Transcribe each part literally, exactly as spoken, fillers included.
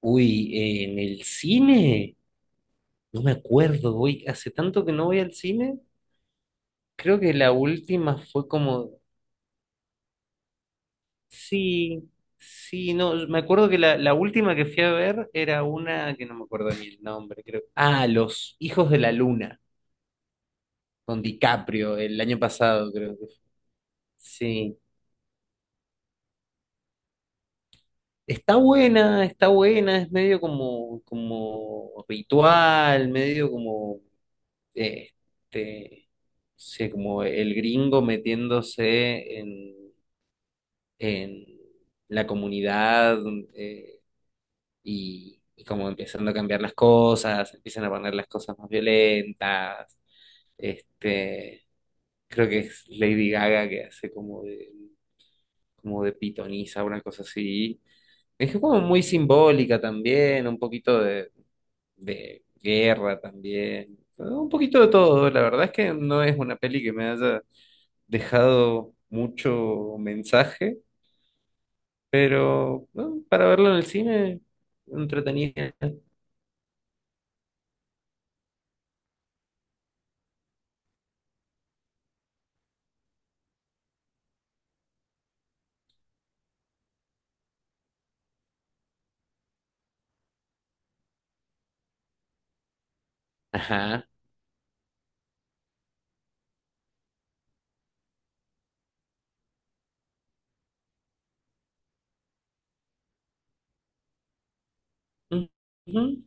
Uy, eh, en el cine, no me acuerdo, uy hace tanto que no voy al cine, creo que la última fue como, sí, sí, no, me acuerdo que la, la última que fui a ver era una, que no me acuerdo ni el nombre, creo. Ah, Los Hijos de la Luna, con DiCaprio, el año pasado, creo que fue. Sí, está buena, está buena, es medio como, como, ritual, medio como eh, este, sé, como el gringo metiéndose en, en, la comunidad, eh, y, y como empezando a cambiar las cosas, empiezan a poner las cosas más violentas. Este, creo que es Lady Gaga que hace como de, como de pitonisa, una cosa así. Es como muy simbólica también, un poquito de de guerra también, un poquito de todo. La verdad es que no es una peli que me haya dejado mucho mensaje, pero bueno, para verlo en el cine, entretenida. Ajá. Ujú.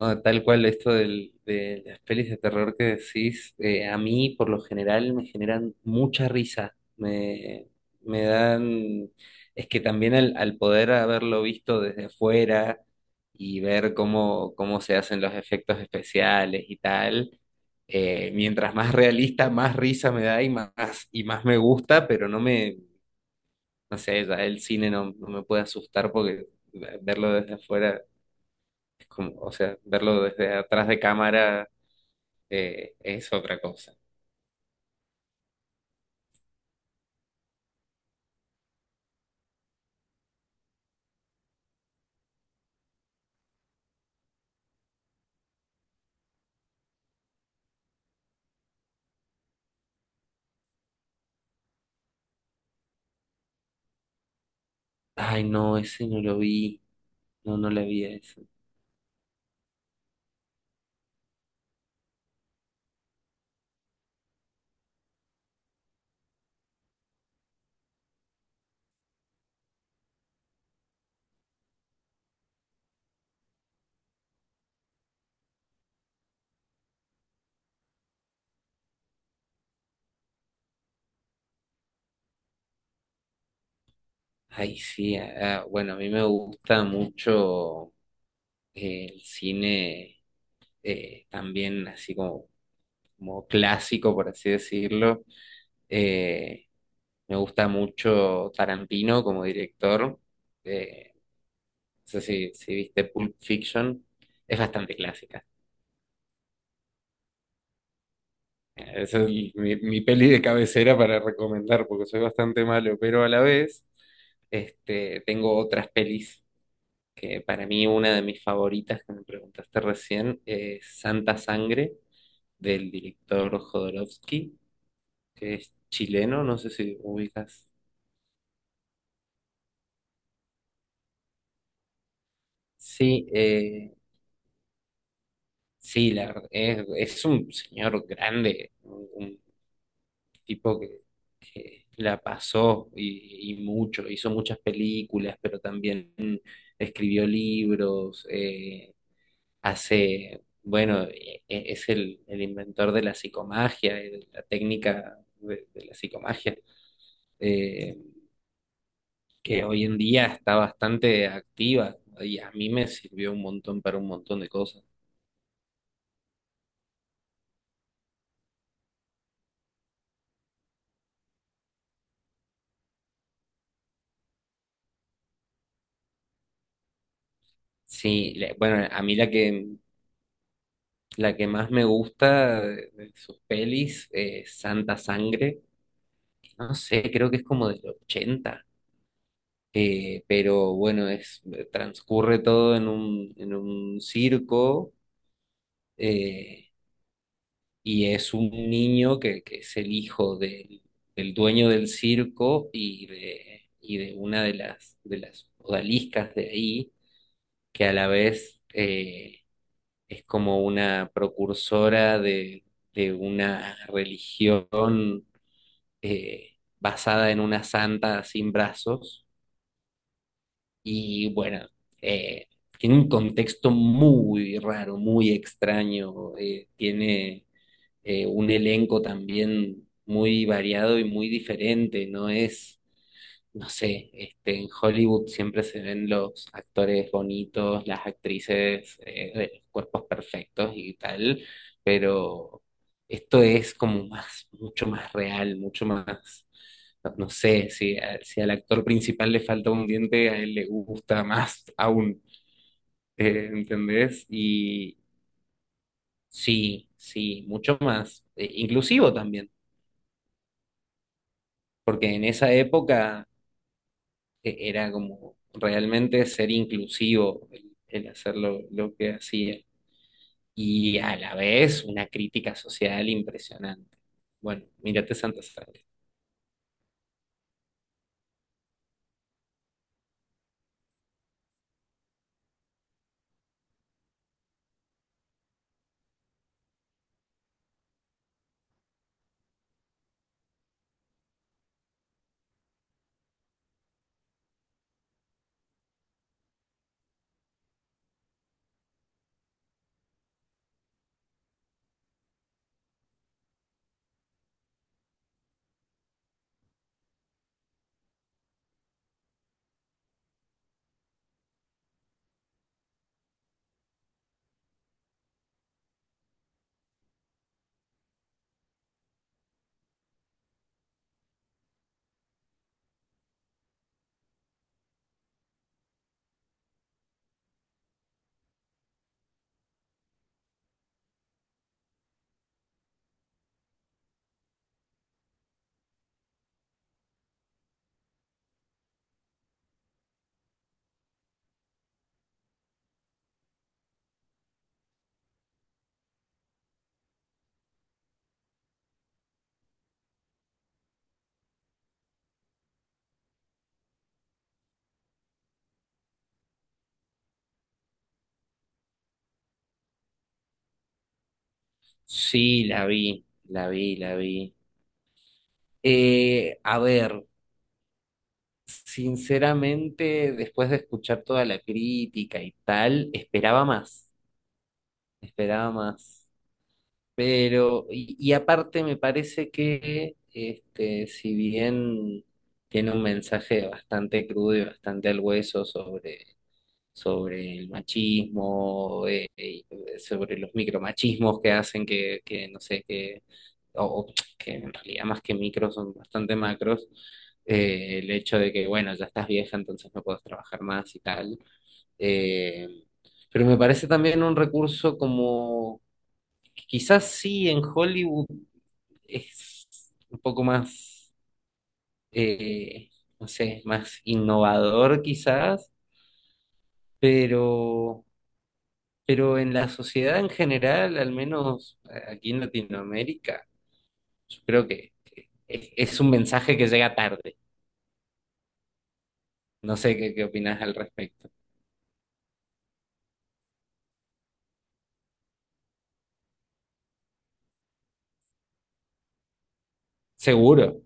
No, tal cual esto del- de las pelis de terror que decís, eh, a mí por lo general me generan mucha risa, me, me dan, es que también al, al poder haberlo visto desde afuera y ver cómo, cómo se hacen los efectos especiales y tal, eh, mientras más realista, más risa me da y más, y más me gusta, pero no me, no sé, ya el cine no, no me puede asustar porque verlo desde afuera como, o sea, verlo desde atrás de cámara eh, es otra cosa. Ay, no, ese no lo vi. No, no le vi a eso. Ay, sí. Ah, ah, bueno, a mí me gusta mucho eh, el cine eh, también, así como, como clásico, por así decirlo. Eh, me gusta mucho Tarantino como director. Eh, no sé si, si viste Pulp Fiction. Es bastante clásica. Esa es mi, mi peli de cabecera para recomendar, porque soy bastante malo, pero a la vez este, tengo otras pelis que para mí una de mis favoritas, que me preguntaste recién, es Santa Sangre, del director Jodorowsky, que es chileno, no sé si ubicas. Sí, eh, sí, la, ver- es, es un señor grande, un, un tipo que la pasó y, y mucho, hizo muchas películas, pero también escribió libros, eh, hace, bueno, e- e- es el, el inventor de la psicomagia, eh, de la técnica de, de la psicomagia, eh, que hoy en día está bastante activa, ¿no? Y a mí me sirvió un montón para un montón de cosas. Sí, le- bueno, a mí la que, la que más me gusta de de sus pelis es Santa Sangre. No sé, creo que es como del ochenta, eh, pero bueno, es, transcurre todo en un, en un circo, eh, y es un niño que, que es el hijo del, del dueño del circo y de, y de una de las, de las odaliscas de ahí, que a la vez eh, es como una precursora de, de una religión, eh, basada en una santa sin brazos. Y bueno, eh, tiene un contexto muy raro, muy extraño. eh, tiene eh, un elenco también muy variado y muy diferente. No es no sé, este, en Hollywood siempre se ven los actores bonitos, las actrices, eh, de los cuerpos perfectos y tal, pero esto es como más, mucho más real, mucho más, no, no sé, si, a- si al actor principal le falta un diente, a él le gusta más aún, eh, ¿entendés? Y sí, sí, mucho más, eh, inclusivo también. Porque en esa época eh, era como realmente ser inclusivo el, el hacer lo, lo que hacía y a la vez una crítica social impresionante. Bueno, mírate Santa Sangre. Sí, la vi, la vi, la vi. Eh, a ver, sinceramente, después de escuchar toda la crítica y tal, esperaba más, esperaba más. Pero, y, y aparte me parece que, este, si bien tiene un mensaje bastante crudo y bastante al hueso sobre, sobre el machismo, eh, y sobre los micromachismos que hacen que, que no sé, que, o, o que en realidad más que micros son bastante macros, eh, el hecho de que, bueno, ya estás vieja, entonces no puedes trabajar más y tal. eh, pero me parece también un recurso como, quizás sí, en Hollywood es un poco más, eh, no sé, más innovador quizás, pero, pero en la sociedad en general, al menos eh, aquí en Latinoamérica, yo creo que es, es un mensaje que llega tarde. No sé qué, qué opinas al respecto. Seguro.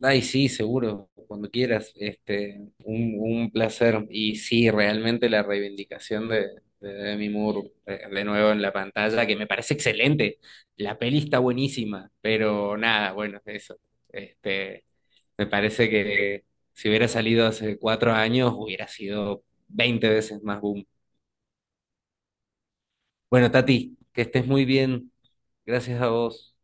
Ay, sí, seguro, cuando quieras. Este, un, un placer. Y sí, realmente la reivindicación de, de Demi Moore, eh, de nuevo en la pantalla, que me parece excelente. La peli está buenísima, pero nada, bueno, eso. Este, me parece que si hubiera salido hace cuatro años, hubiera sido veinte veces más boom. Bueno, Tati, que estés muy bien. Gracias a vos.